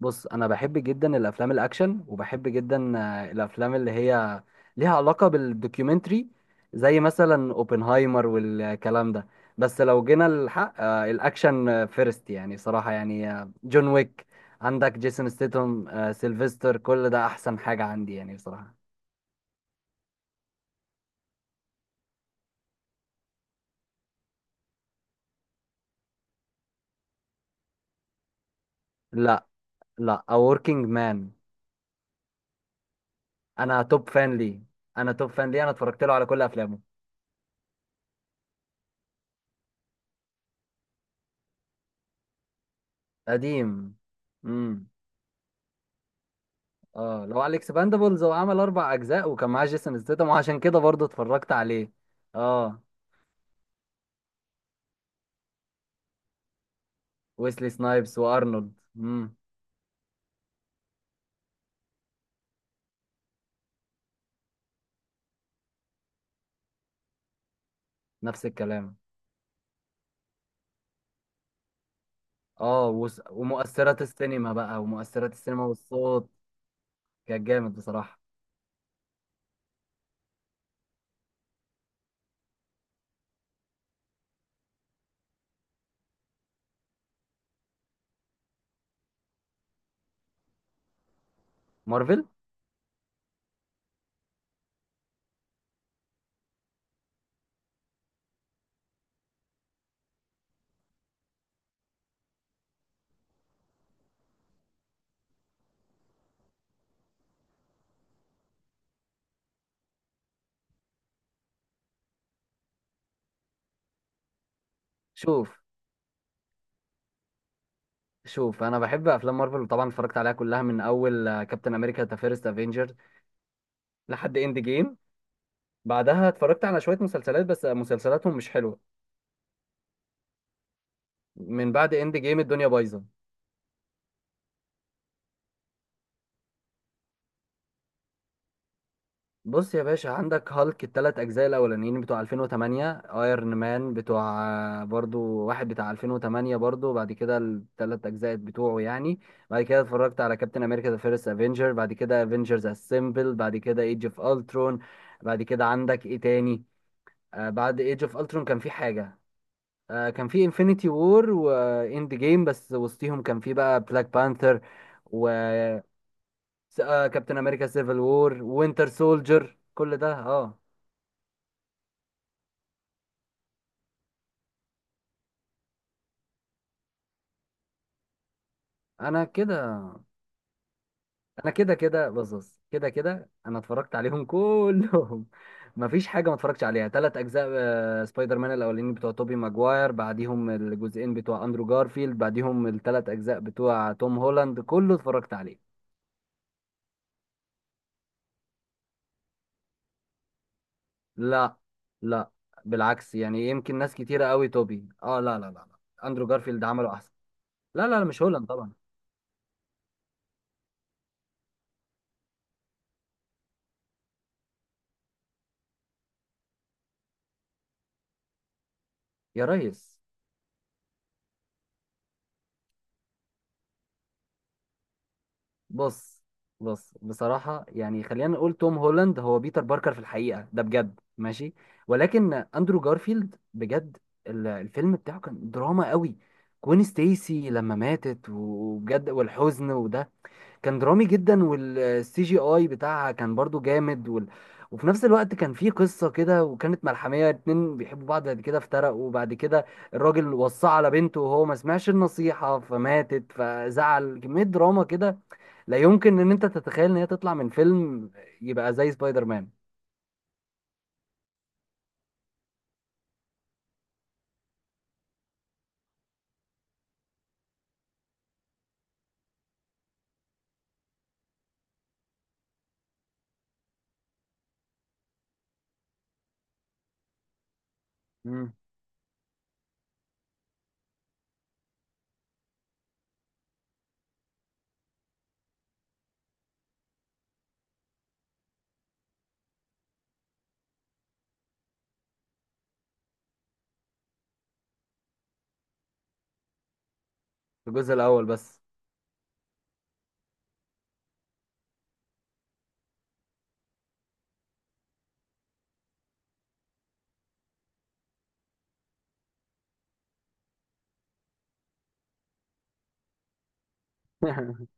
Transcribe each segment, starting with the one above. بص، انا بحب جدا الافلام الاكشن، وبحب جدا الافلام اللي هي ليها علاقه بالدوكيومنتري، زي مثلا اوبنهايمر والكلام ده. بس لو جينا للحق، الاكشن فيرست، يعني صراحه، يعني جون ويك. عندك جيسون ستيتهم، سيلفستر، كل ده احسن حاجه عندي يعني بصراحه. لا، لا، A Working Man. انا توب فان ليه، انا توب فان ليه، انا اتفرجت له على كل افلامه. قديم. اه، لو على الاكسباندبلز هو عمل اربع اجزاء وكان معاه جيسون ستيتم، وعشان كده برضه اتفرجت عليه. اه، ويسلي سنايبس وارنولد نفس الكلام. اه، ومؤثرات السينما بقى، ومؤثرات السينما والصوت كان جامد بصراحة. مارفل. شوف، شوف، انا بحب افلام مارفل وطبعا اتفرجت عليها كلها من اول كابتن امريكا ذا فيرست افنجر لحد اند جيم. بعدها اتفرجت على شوية مسلسلات، بس مسلسلاتهم مش حلوة. من بعد اند جيم الدنيا بايظة. بص يا باشا، عندك هالك التلات أجزاء الأولانيين بتوع 2008، ايرون مان بتوع برضو واحد بتاع 2008 برضو، بعد كده التلات أجزاء بتوعه يعني. بعد كده اتفرجت على كابتن أمريكا ذا فيرست أفينجر، بعد كده أفينجرز أسمبل، بعد كده ايج اوف ألترون. بعد كده عندك إيه تاني؟ آه، بعد ايج اوف ألترون كان في حاجة. آه، كان في انفينيتي وور وإند جيم، بس وسطيهم كان في بقى بلاك بانثر. و كابتن أمريكا سيفل وور، وينتر سولجر، كل ده اه. انا كده، انا كده، كده بص، كده كده انا اتفرجت عليهم كلهم مفيش حاجه ما اتفرجتش عليها. ثلاث اجزاء سبايدر مان الاولانيين بتوع توبي ماجواير، بعديهم الجزئين بتوع اندرو جارفيلد، بعديهم الثلاث اجزاء بتوع توم هولاند، كله اتفرجت عليه. لا، لا، بالعكس. يعني يمكن ناس كتيره قوي توبي، اه لا لا لا، لا. اندرو جارفيلد عمله احسن. لا لا لا، مش هولاند طبعا. يا ريس. بص بص، بصراحة يعني خلينا نقول توم هولاند هو بيتر باركر في الحقيقة، ده بجد ماشي. ولكن أندرو جارفيلد بجد، الفيلم بتاعه كان دراما قوي. كوين ستيسي لما ماتت، وبجد والحزن وده، كان درامي جدا. والسي جي اي بتاعها كان برضو جامد، وفي نفس الوقت كان في قصة كده، وكانت ملحمية. اتنين بيحبوا بعض، بعد كده افترقوا، وبعد كده الراجل وصى على بنته، وهو ما سمعش النصيحة فماتت فزعل، كمية دراما كده لا يمكن ان انت تتخيل ان هي تطلع من فيلم يبقى زي سبايدر مان. مم. في الجزء الاول بس.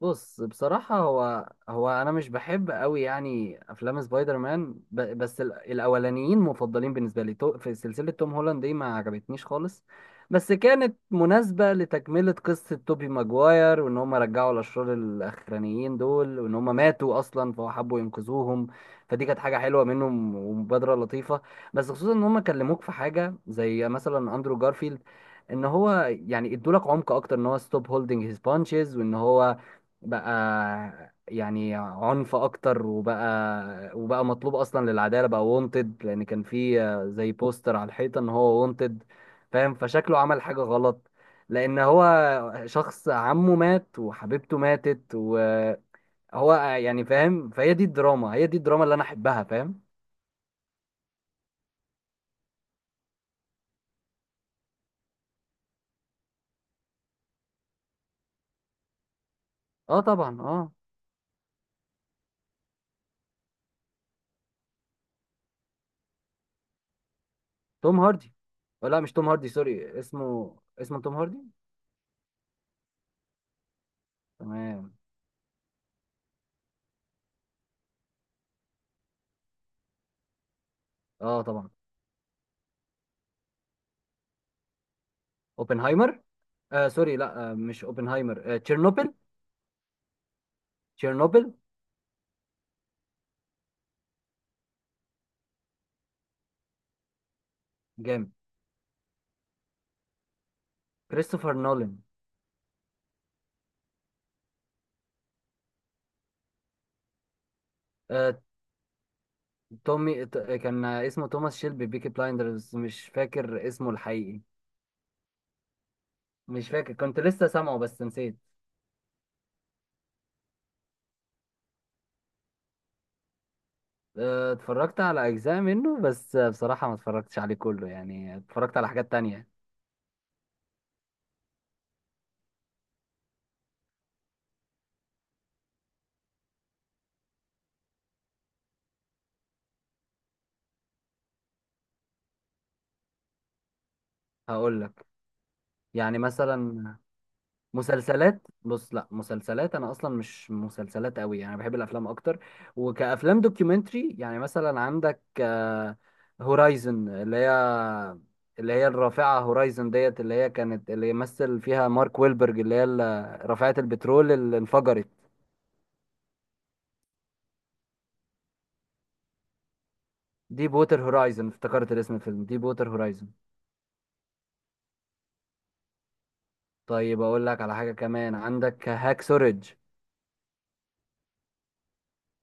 بص، بصراحة هو هو أنا مش بحب أوي يعني أفلام سبايدر مان، بس الأولانيين مفضلين بالنسبة لي. في سلسلة توم هولاند دي ما عجبتنيش خالص، بس كانت مناسبة لتكملة قصة توبي ماجواير، وإن هم رجعوا الأشرار الأخرانيين دول وإن هم ماتوا أصلا فحبوا ينقذوهم. فدي كانت حاجة حلوة منهم ومبادرة لطيفة. بس خصوصا إن هم كلموك في حاجة زي مثلا أندرو جارفيلد، ان هو يعني ادولك عمق اكتر ان هو ستوب هولدنج هيز بانشز، وان هو بقى يعني عنف اكتر، وبقى وبقى مطلوب اصلا للعداله، بقى وونتد. لان كان في زي بوستر على الحيطه ان هو وونتد، فاهم؟ فشكله عمل حاجه غلط، لان هو شخص عمه مات وحبيبته ماتت وهو يعني، فاهم؟ فهي دي الدراما، هي دي الدراما اللي انا احبها، فاهم؟ اه طبعا اه. توم هاردي. أو لا، مش توم هاردي، سوري، اسمه توم هاردي. تمام. اه طبعا. اوبنهايمر. آه سوري، لا، آه، مش اوبنهايمر، آه، تشيرنوبل. تشيرنوبل. جامد. كريستوفر نولان. آه، كان اسمه توماس شيلبي، بيكي بلايندرز، مش فاكر اسمه الحقيقي. مش فاكر، كنت لسه سامعه بس نسيت. آه، اتفرجت على اجزاء منه بس، آه، بصراحة ما اتفرجتش عليه كله يعني، اتفرجت على حاجات تانية. هقول لك يعني مثلا، مسلسلات. بص لا، مسلسلات انا اصلا مش مسلسلات قوي يعني، بحب الافلام اكتر. وكافلام دوكيومنتري يعني مثلا عندك هورايزن اللي هي، الرافعه هورايزن ديت، اللي هي كانت اللي يمثل فيها مارك ويلبرج، رافعه البترول اللي انفجرت. دي بوتر هورايزن، افتكرت الاسم، الفيلم دي بوتر هورايزن. طيب اقول لك على حاجه كمان، عندك هاك سوريج.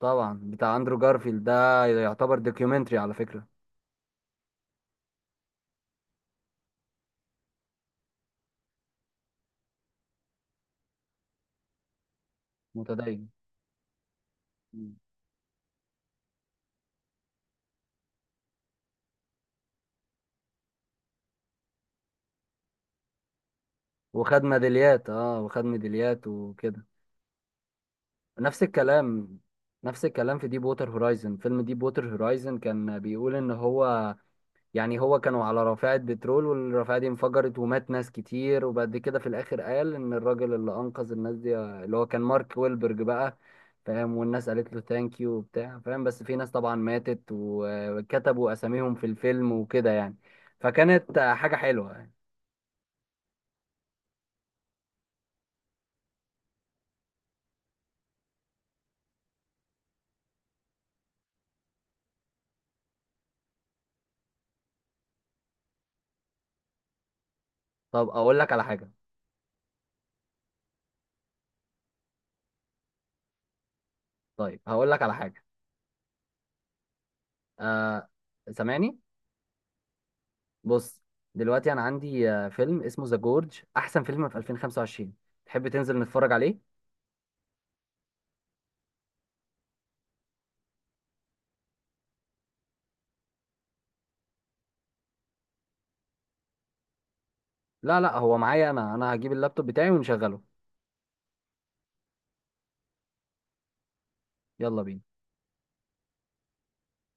طبعا بتاع اندرو جارفيلد ده يعتبر دوكيومنتري على فكره. متدين. وخد ميداليات، اه وخد ميداليات وكده. نفس الكلام. نفس الكلام، في ديب ووتر هورايزن. فيلم ديب ووتر هورايزن كان بيقول ان هو يعني هو كانوا على رافعة بترول، والرافعة دي انفجرت ومات ناس كتير، وبعد كده في الاخر قال ان الراجل اللي انقذ الناس دي اللي هو كان مارك ويلبرج بقى، فاهم؟ والناس قالت له ثانك يو وبتاع، فاهم؟ بس في ناس طبعا ماتت وكتبوا اساميهم في الفيلم وكده يعني، فكانت حاجة حلوة يعني. طب اقول لك على حاجة، طيب هقول لك على حاجة. آه، سامعني؟ بص، دلوقتي انا عندي آه فيلم اسمه ذا جورج، احسن فيلم في 2025، تحب تنزل نتفرج عليه؟ لا لا، هو معايا، انا انا هجيب اللابتوب بتاعي ونشغله. يلا بينا.